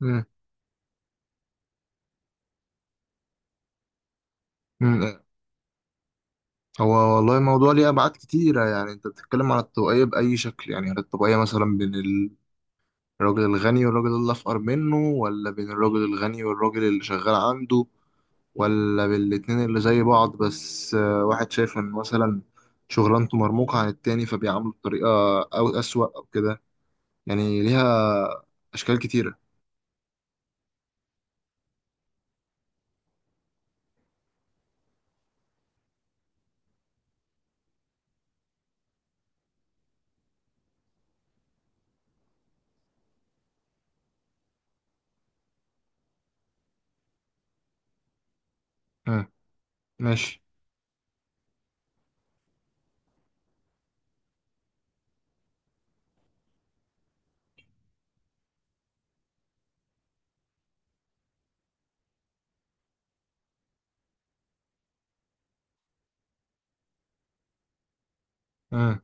مم. مم. هو، والله الموضوع ليه أبعاد كتيرة. يعني أنت بتتكلم عن الطبقية بأي شكل؟ يعني هل الطبقية مثلا بين الراجل الغني والراجل اللي أفقر منه، ولا بين الراجل الغني والراجل اللي شغال عنده، ولا بين الاتنين اللي زي بعض بس واحد شايف إن مثلا شغلانته مرموقة عن التاني فبيعامله بطريقة أو أسوأ أو كده. يعني ليها أشكال كتيرة. مم. ماشي. مم.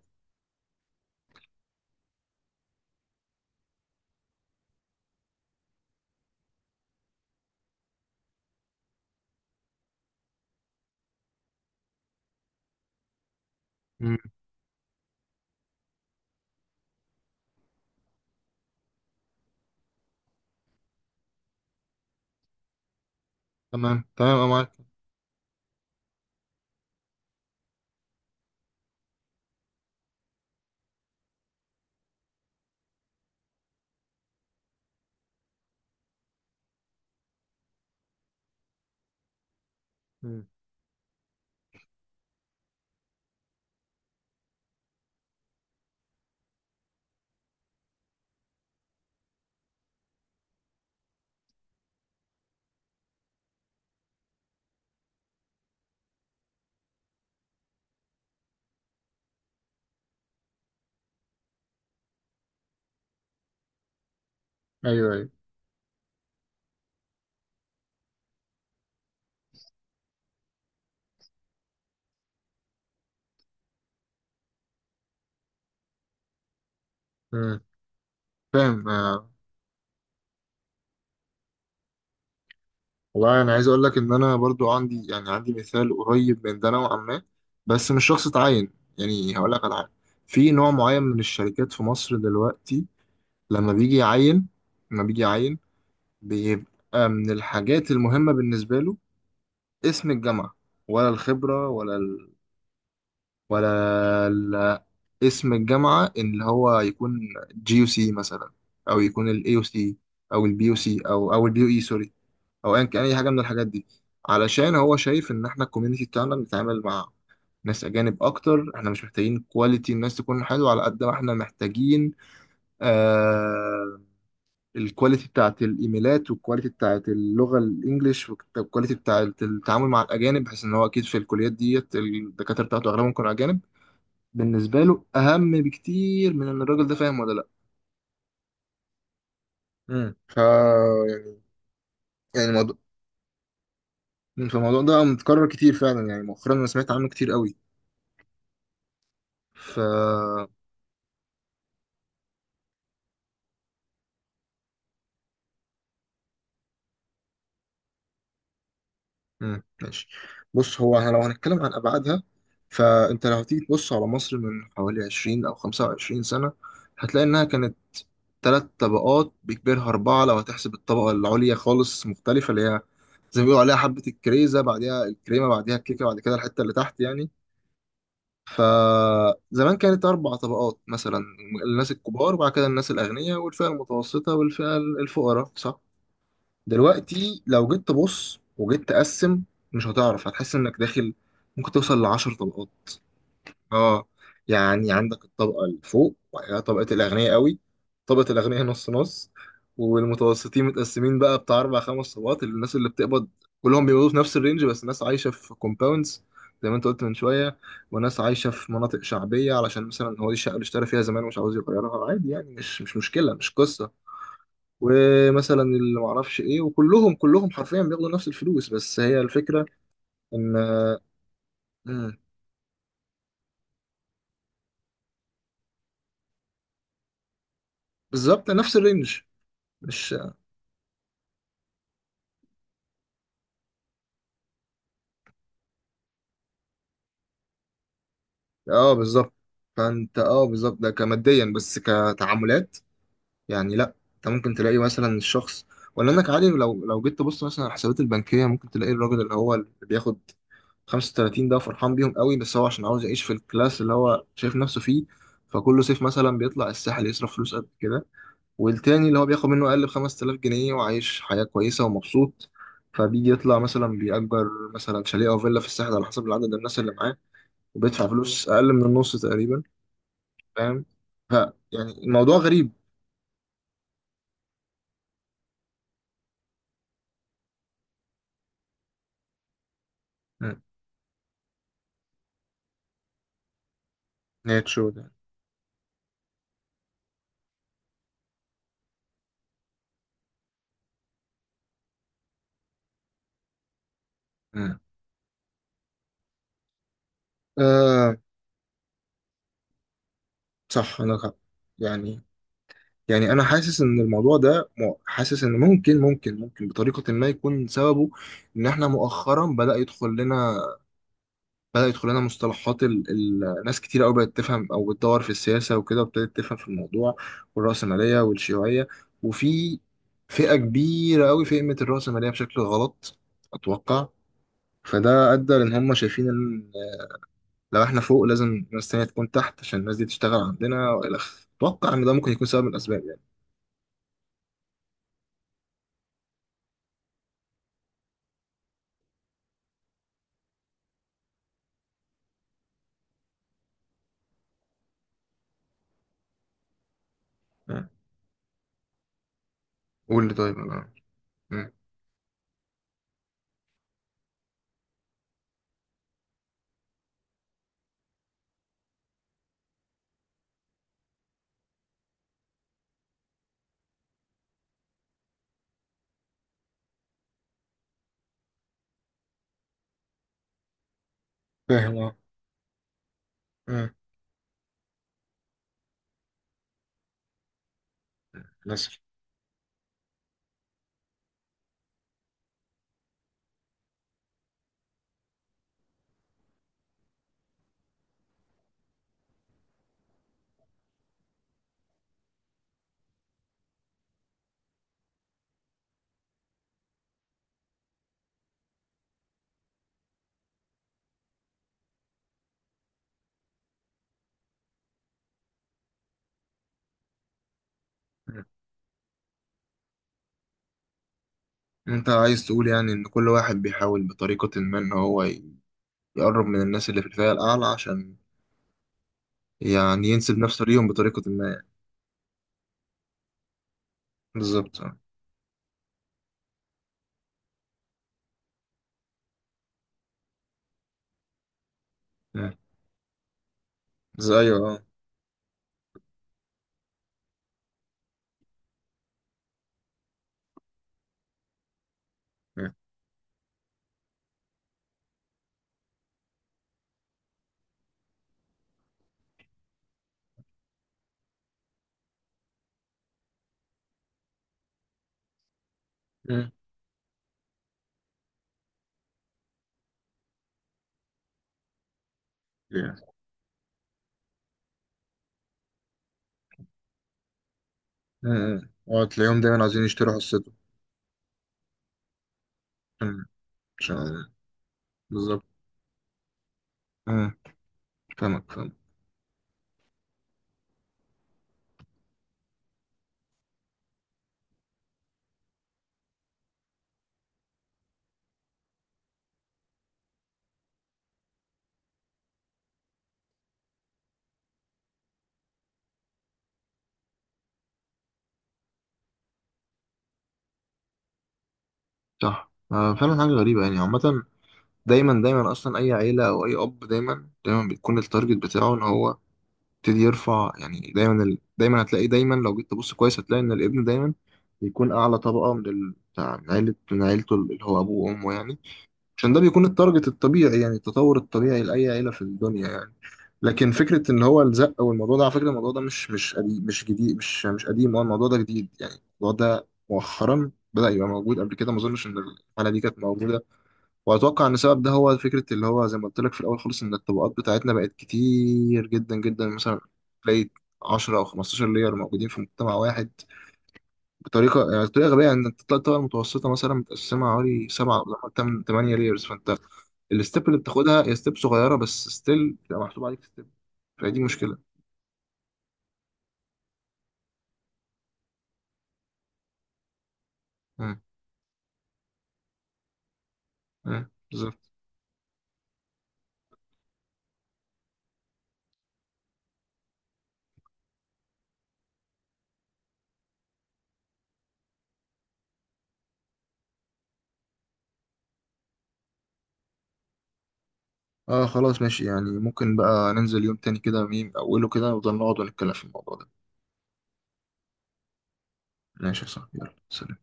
مم. تمام تمام، أنا معاك. مم. أيوه أيوه. مم. فاهم آه. والله انا عايز اقول لك ان انا برضو عندي، يعني عندي مثال قريب من ده نوعا ما، بس مش شخص اتعين. يعني هقول لك على حاجه. في نوع معين من الشركات في مصر دلوقتي لما بيجي يعين، لما بيجي يعين بيبقى من الحاجات المهمه بالنسبه له اسم الجامعه ولا الخبره ولا ال... اسم الجامعه اللي هو يكون جي يو سي مثلا، او يكون الاي يو سي، او البي يو سي او البي يو اي، سوري، او ايا كان اي حاجه من الحاجات دي. علشان هو شايف ان احنا الكوميونتي بتاعنا بنتعامل مع ناس اجانب اكتر، احنا مش محتاجين كواليتي الناس تكون حلوه على قد ما احنا محتاجين آه الكواليتي بتاعت الايميلات والكواليتي بتاعت اللغه الانجليش والكواليتي بتاعت التعامل مع الاجانب، بحيث ان هو اكيد في الكليات ديت الدكاتره بتاعته اغلبهم كانوا اجانب. بالنسبه له اهم بكتير من ان الراجل ده فاهم ولا لا. ف يعني يعني، فالموضوع ده متكرر كتير فعلا. يعني مؤخرا انا سمعت عنه كتير قوي. ف ماشي. بص، هو احنا لو هنتكلم عن ابعادها، فانت لو هتيجي تبص على مصر من حوالي 20 او 25 سنه، هتلاقي انها كانت ثلاث طبقات بكبرها اربعه لو هتحسب الطبقه العليا خالص مختلفه، اللي هي زي ما بيقولوا عليها حبه الكريزه، بعديها الكريمه، بعديها الكيكه، بعد كده الحته اللي تحت يعني. فزمان كانت اربع طبقات مثلا: الناس الكبار، وبعد كده الناس الاغنياء، والفئه المتوسطه، والفئه الفقراء، صح؟ دلوقتي لو جيت تبص وجيت تقسم، مش هتعرف، هتحس انك داخل، ممكن توصل ل10 طبقات. اه، يعني عندك الطبقة اللي فوق، وبعد كده طبقة الأغنياء قوي، طبقة الأغنياء نص نص، والمتوسطين متقسمين بقى بتاع أربع خمس طبقات. الناس اللي بتقبض كلهم بيقبضوا في نفس الرينج، بس ناس عايشة في كومباوندز زي ما أنت قلت من شوية، وناس عايشة في مناطق شعبية علشان مثلا هو دي الشقة اللي اشترى فيها زمان ومش عاوز يغيرها. عادي يعني، مش مشكلة، مش قصة. ومثلا اللي معرفش ايه. وكلهم حرفيا بياخدوا نفس الفلوس. بس هي الفكرة ان مم. بالظبط، نفس الرينج. مش، اه بالظبط. فانت بالظبط، ده كماديا بس كتعاملات. يعني لا، انت ممكن تلاقي مثلا الشخص، ولا انك عادي، لو جيت تبص مثلا على الحسابات البنكية ممكن تلاقي الراجل اللي هو اللي بياخد 35 ده فرحان بيهم قوي، بس هو عشان عاوز يعيش في الكلاس اللي هو شايف نفسه فيه. فكل صيف مثلا بيطلع الساحل يصرف فلوس قد كده. والتاني اللي هو بياخد منه أقل ب 5000 جنيه وعايش حياة كويسة ومبسوط، فبيجي يطلع مثلا بيأجر مثلا شاليه أو فيلا في الساحل على حسب العدد الناس اللي معاه، وبيدفع فلوس أقل من النص تقريبا. فاهم؟ ف يعني الموضوع غريب. مم. نهاية شو ده. مم. آه صح. يعني يعني أنا حاسس إن الموضوع ده حاسس إن ممكن بطريقة ما يكون سببه إن إحنا مؤخرا بدأ يدخل لنا مصطلحات ناس كتير قوي بقت تفهم او بتدور في السياسه وكده وابتدت تفهم في الموضوع والرأسماليه والشيوعيه. وفي فئه كبيره قوي فهمت الرأسماليه بشكل غلط، اتوقع. فده ادى لان هم شايفين ان لو احنا فوق لازم ناس تانية تكون تحت عشان الناس دي تشتغل عندنا، والى اخره. اتوقع ان ده ممكن يكون سبب من الاسباب يعني. آه. قول لي، طيب انا. آه. فاهم اه. آه. بس. آه. انت عايز تقول يعني ان كل واحد بيحاول بطريقة ما ان هو يقرب من الناس اللي في الفئة الأعلى، عشان يعني ينسب نفسه ليهم بطريقة ما يعني. بالظبط اه اه. زي أيوه اه. اه. اه. اه. اه، اه. تلاقيهم دايما عايزين يشتروا حصته. اه، مش عارف. بالظبط اه. فاهمك فاهمك. صح فعلا حاجة غريبة يعني عامة. دايما دايما أصلا أي عيلة أو أي أب، دايما دايما بيكون التارجت بتاعه إن هو يبتدي يرفع. يعني دايما دايما هتلاقي، دايما لو جيت تبص كويس هتلاقي إن الابن دايما بيكون أعلى طبقة من ال... بتاع- من عيلة من عيلته اللي هو أبوه وأمه يعني. عشان ده بيكون التارجت الطبيعي، يعني التطور الطبيعي لأي عيلة في الدنيا يعني. لكن فكرة إن هو الزق، والموضوع ده على فكرة، الموضوع ده مش قديم، مش جديد، مش قديم، هو الموضوع ده جديد يعني. الموضوع ده مؤخرا بدأ يبقى موجود، قبل كده ما أظنش إن الحالة دي كانت موجودة. وأتوقع إن السبب ده هو فكرة اللي هو زي ما قلت لك في الأول خالص، إن الطبقات بتاعتنا بقت كتير جدا جدا. مثلا تلاقي 10 أو 15 لير موجودين في مجتمع واحد بطريقه، يعني بطريقه غبيه. يعني انت تطلع الطبقه المتوسطه مثلا متقسمه حوالي سبعه او حتى ثمانيه لايرز. فانت الستيب اللي بتاخدها هي ستيب صغيره، بس ستيل بتبقى محسوب عليك ستيب. فدي مشكله. مم. مم. بالظبط. اه خلاص ماشي، يعني ممكن بقى ننزل يوم تاني كده، ميم اوله كده، ونفضل نقعد ونتكلم في الموضوع ده. ماشي يا صاحبي، يلا سلام.